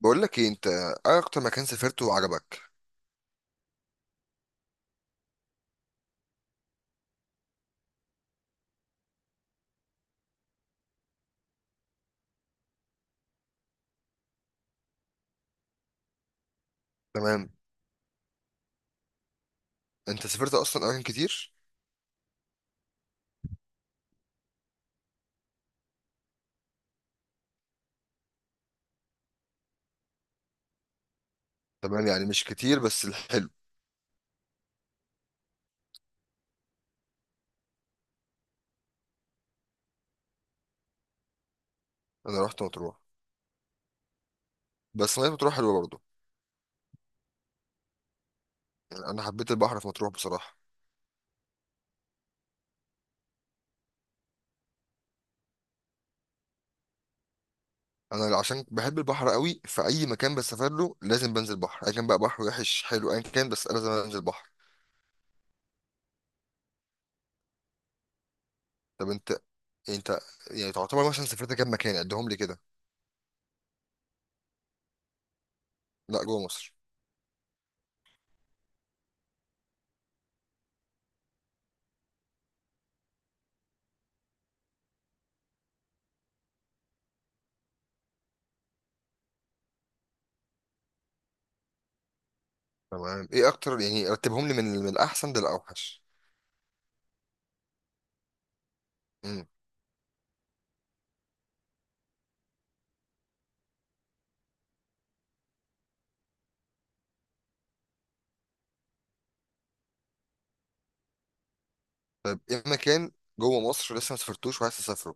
بقول لك ايه؟ انت ايه اكتر مكان سافرته وعجبك؟ تمام. انت سافرت اصلا اماكن كتير؟ تمام، يعني مش كتير بس الحلو. انا رحت مطروح. بس ميه مطروح حلوه برضه. يعني انا حبيت البحر في مطروح بصراحه. انا عشان بحب البحر قوي في اي مكان بسافر له لازم بنزل بحر ايا كان، بقى بحر وحش حلو ايا كان، بس انا لازم انزل بحر. طب انت يعني تعتبر مثلا سافرت كام مكان؟ عدهم لي كده. لا، جوه مصر. تمام. ايه اكتر؟ يعني رتبهم لي من الاحسن للاوحش. امم طيب، ايه مكان جوه مصر لسه ما سافرتوش وعايز تسافره؟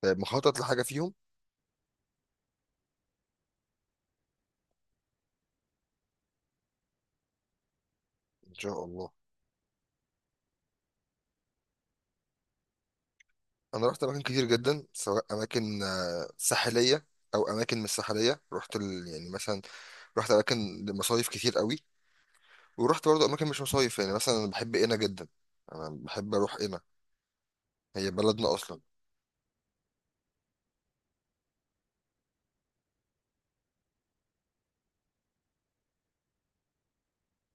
طيب، مخطط لحاجة فيهم؟ إن شاء الله. أنا رحت أماكن كتير جدا، سواء أماكن ساحلية أو أماكن مش ساحلية. رحت يعني مثلا رحت أماكن لمصايف كتير قوي. ورحت برضه أماكن مش مصايف، يعني مثلا أنا بحب قنا جدا. أنا بحب أروح قنا. هي بلدنا أصلا.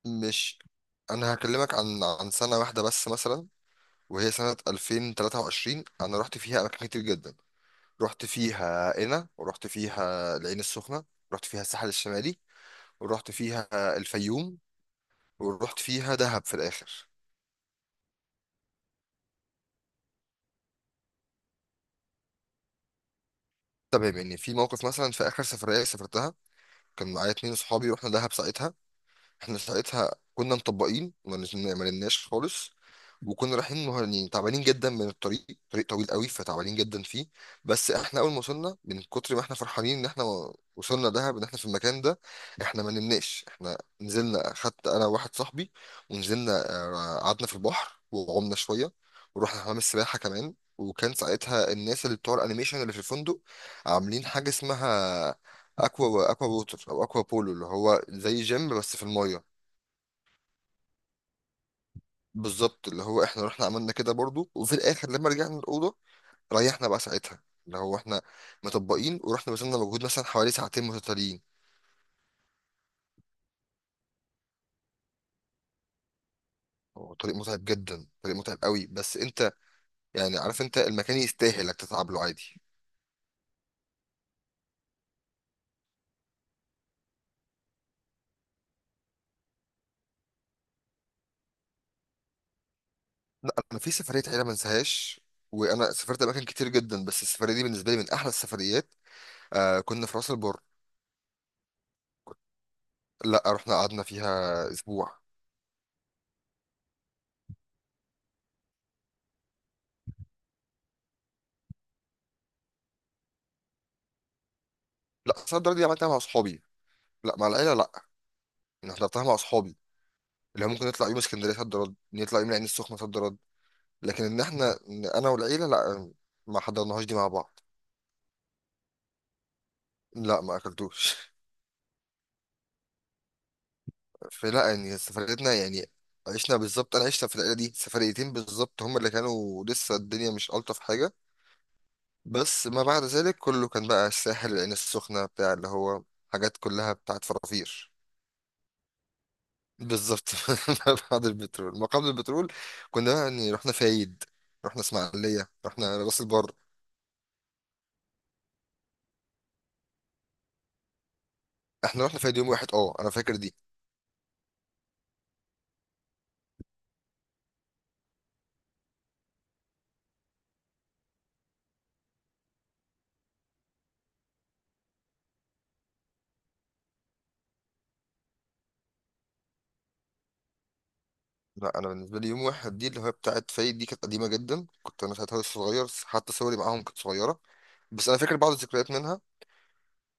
مش أنا هكلمك عن سنة واحدة بس مثلا، وهي سنة 2023. أنا رحت فيها أماكن كتير جدا. رحت فيها قنا، ورحت فيها العين السخنة، رحت فيها الساحل الشمالي، ورحت فيها الفيوم، ورحت فيها دهب في الاخر. تمام. يعني في موقف مثلا في اخر سفريه سافرتها، كان معايا اتنين صحابي، رحنا دهب ساعتها. احنا ساعتها كنا مطبقين، ما نمناش خالص. وكنا رايحين يعني تعبانين جدا من الطريق، طريق طويل قوي، فتعبانين جدا فيه. بس احنا اول ما وصلنا، من كتر ما احنا فرحانين ان احنا وصلنا دهب، ان احنا في المكان ده، احنا ما نمناش. احنا نزلنا، خدت انا وواحد صاحبي ونزلنا، قعدنا في البحر وعمنا شويه. ورحنا حمام السباحه كمان. وكان ساعتها الناس اللي بتوع الانيميشن اللي في الفندق عاملين حاجه اسمها اكوا اكوا ووتر او اكوا بولو، اللي هو زي جيم بس في المايه. بالظبط، اللي هو احنا رحنا عملنا كده برضو. وفي الاخر لما رجعنا الاوضه، ريحنا بقى ساعتها، اللي هو احنا مطبقين ورحنا بذلنا مجهود مثلا حوالي ساعتين متتاليين. هو طريق متعب جدا، طريق متعب قوي، بس انت يعني عارف انت المكان يستاهل انك تتعب له، عادي. لا، انا في سفريه عيله ما انساهاش. وانا سافرت اماكن كتير جدا، بس السفريه دي بالنسبه لي من احلى السفريات. كنا في راس البر. لا، رحنا قعدنا فيها اسبوع. لا، صدر دي عملتها مع اصحابي. لا، مع العيله لا. انا حضرتها مع اصحابي، اللي هو ممكن نطلع يوم اسكندريه صد رد، نطلع يوم العين السخنه صد رد. لكن ان احنا، انا والعيله، لا. ما حضرناهاش دي مع بعض. لا، ما اكلتوش. فلا، يعني سفريتنا يعني عشنا بالظبط. انا عشت في العيله دي سفريتين بالظبط، هم اللي كانوا لسه الدنيا مش الطف حاجه. بس ما بعد ذلك كله كان بقى الساحل، العين السخنه، بتاع اللي هو حاجات كلها بتاعت فرافير. بالظبط. ما بعد البترول، ما قبل البترول كنا بقى يعني رحنا فايد، رحنا اسماعيليه، رحنا راس البر. احنا رحنا فايد يوم واحد، اه، انا فاكر دي. لا، انا بالنسبه لي يوم واحد دي اللي هي بتاعت فايد دي كانت قديمه جدا، كنت انا ساعتها لسه صغير، حتى صوري معاهم كانت صغيره. بس انا فاكر بعض الذكريات منها.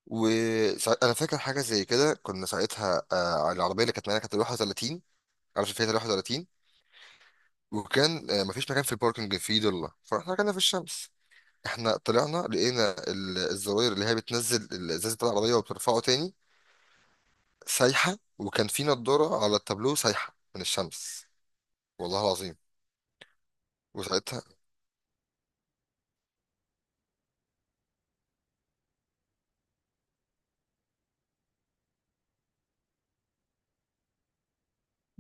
وانا فاكر حاجه زي كده، كنا ساعتها على العربيه اللي كانت معانا، كانت ال 31. عارف فيها 31؟ وكان مفيش مكان في الباركنج في ضله، فاحنا كنا في الشمس. احنا طلعنا لقينا الزراير اللي هي بتنزل الازاز بتاع العربيه وبترفعه تاني سايحه، وكان في نضاره على التابلو سايحه من الشمس. والله العظيم. وساعتها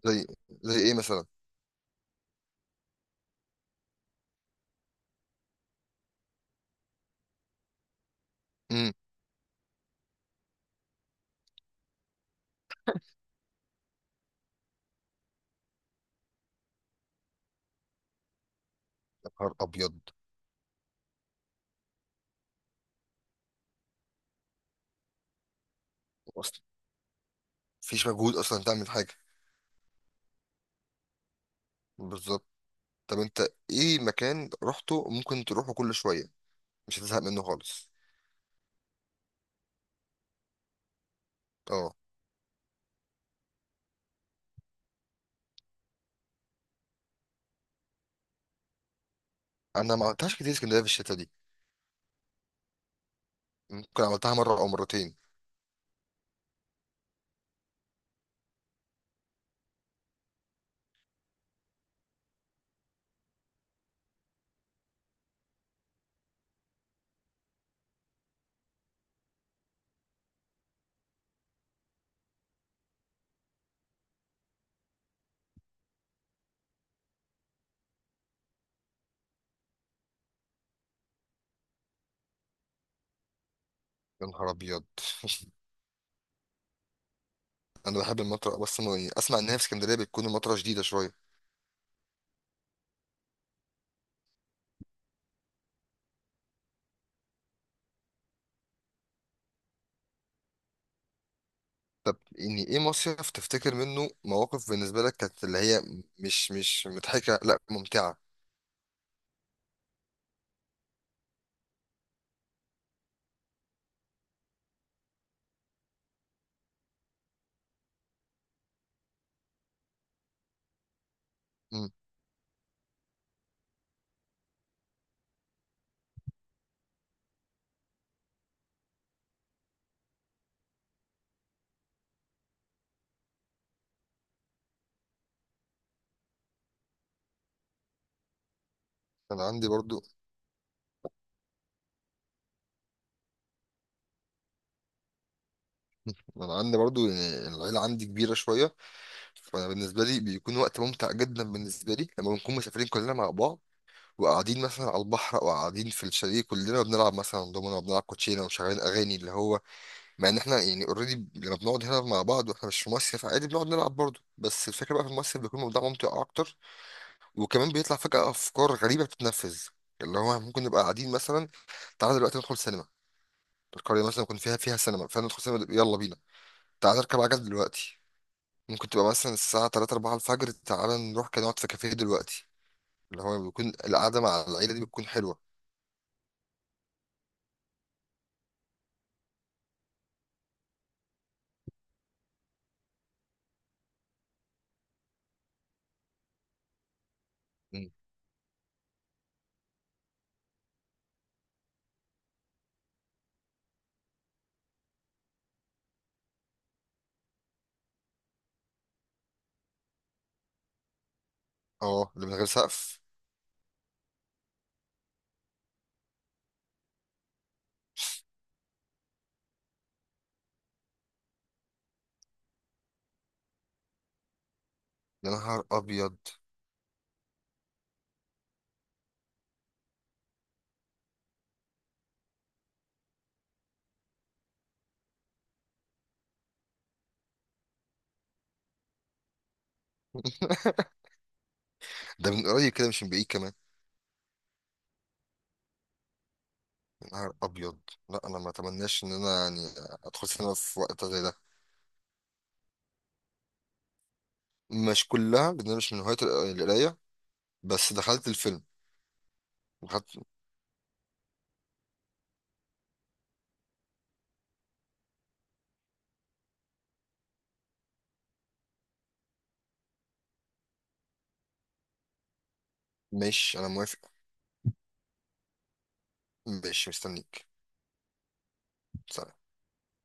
زي زي ايه مثلا؟ إمم. نهار ابيض. اصلا مفيش مجهود اصلا تعمل حاجه. بالظبط. طب انت، ايه مكان رحته ممكن تروحه كل شويه مش هتزهق منه خالص؟ اه. انا ما عملتهاش كتير اسكندريه في الشتا دي. ممكن عملتها مره او مرتين. يا نهار ابيض. انا بحب المطره، بس يعني اسمع ان هي في اسكندريه بتكون المطره شديده شويه. طب يعني ايه مصيف تفتكر منه مواقف بالنسبه لك كانت اللي هي مش مضحكه، لا، ممتعه؟ مم. انا عندي برضو انا عندي برضو يعني العيله عندي كبيره شويه. وانا بالنسبه لي بيكون وقت ممتع جدا بالنسبه لي لما بنكون مسافرين كلنا مع بعض، وقاعدين مثلا على البحر او قاعدين في الشاليه، كلنا بنلعب مثلا دومنا وبنلعب كوتشينه ومشغلين اغاني. اللي هو مع ان احنا يعني اوريدي لما بنقعد هنا مع بعض واحنا مش في مصيف عادي بنقعد نلعب برضه، بس الفكره بقى في المصيف بيكون الموضوع ممتع اكتر. وكمان بيطلع فجاه افكار غريبه بتتنفذ، اللي هو ممكن نبقى قاعدين مثلا، تعالى دلوقتي ندخل سينما، القريه مثلا يكون فيها سينما، فندخل سينما، يلا بينا. تعالى نركب عجل دلوقتي. ممكن تبقى مثلا الساعة 3 4 الفجر، تعالى نروح كده نقعد في كافيه دلوقتي. اللي هو بيكون القعدة مع العيلة دي بتكون حلوة. مم. اه، اللي من غير سقف. يا نهار أبيض. ده من قريب كده مش من بعيد كمان. يا نهار أبيض. لا، أنا ما أتمناش إن أنا يعني أدخل سينما في وقت زي ده. مش كلها، لأن أنا مش من هواية القراية. بس دخلت الفيلم. دخلت. ماشي، أنا موافق. ماشي، مستنيك.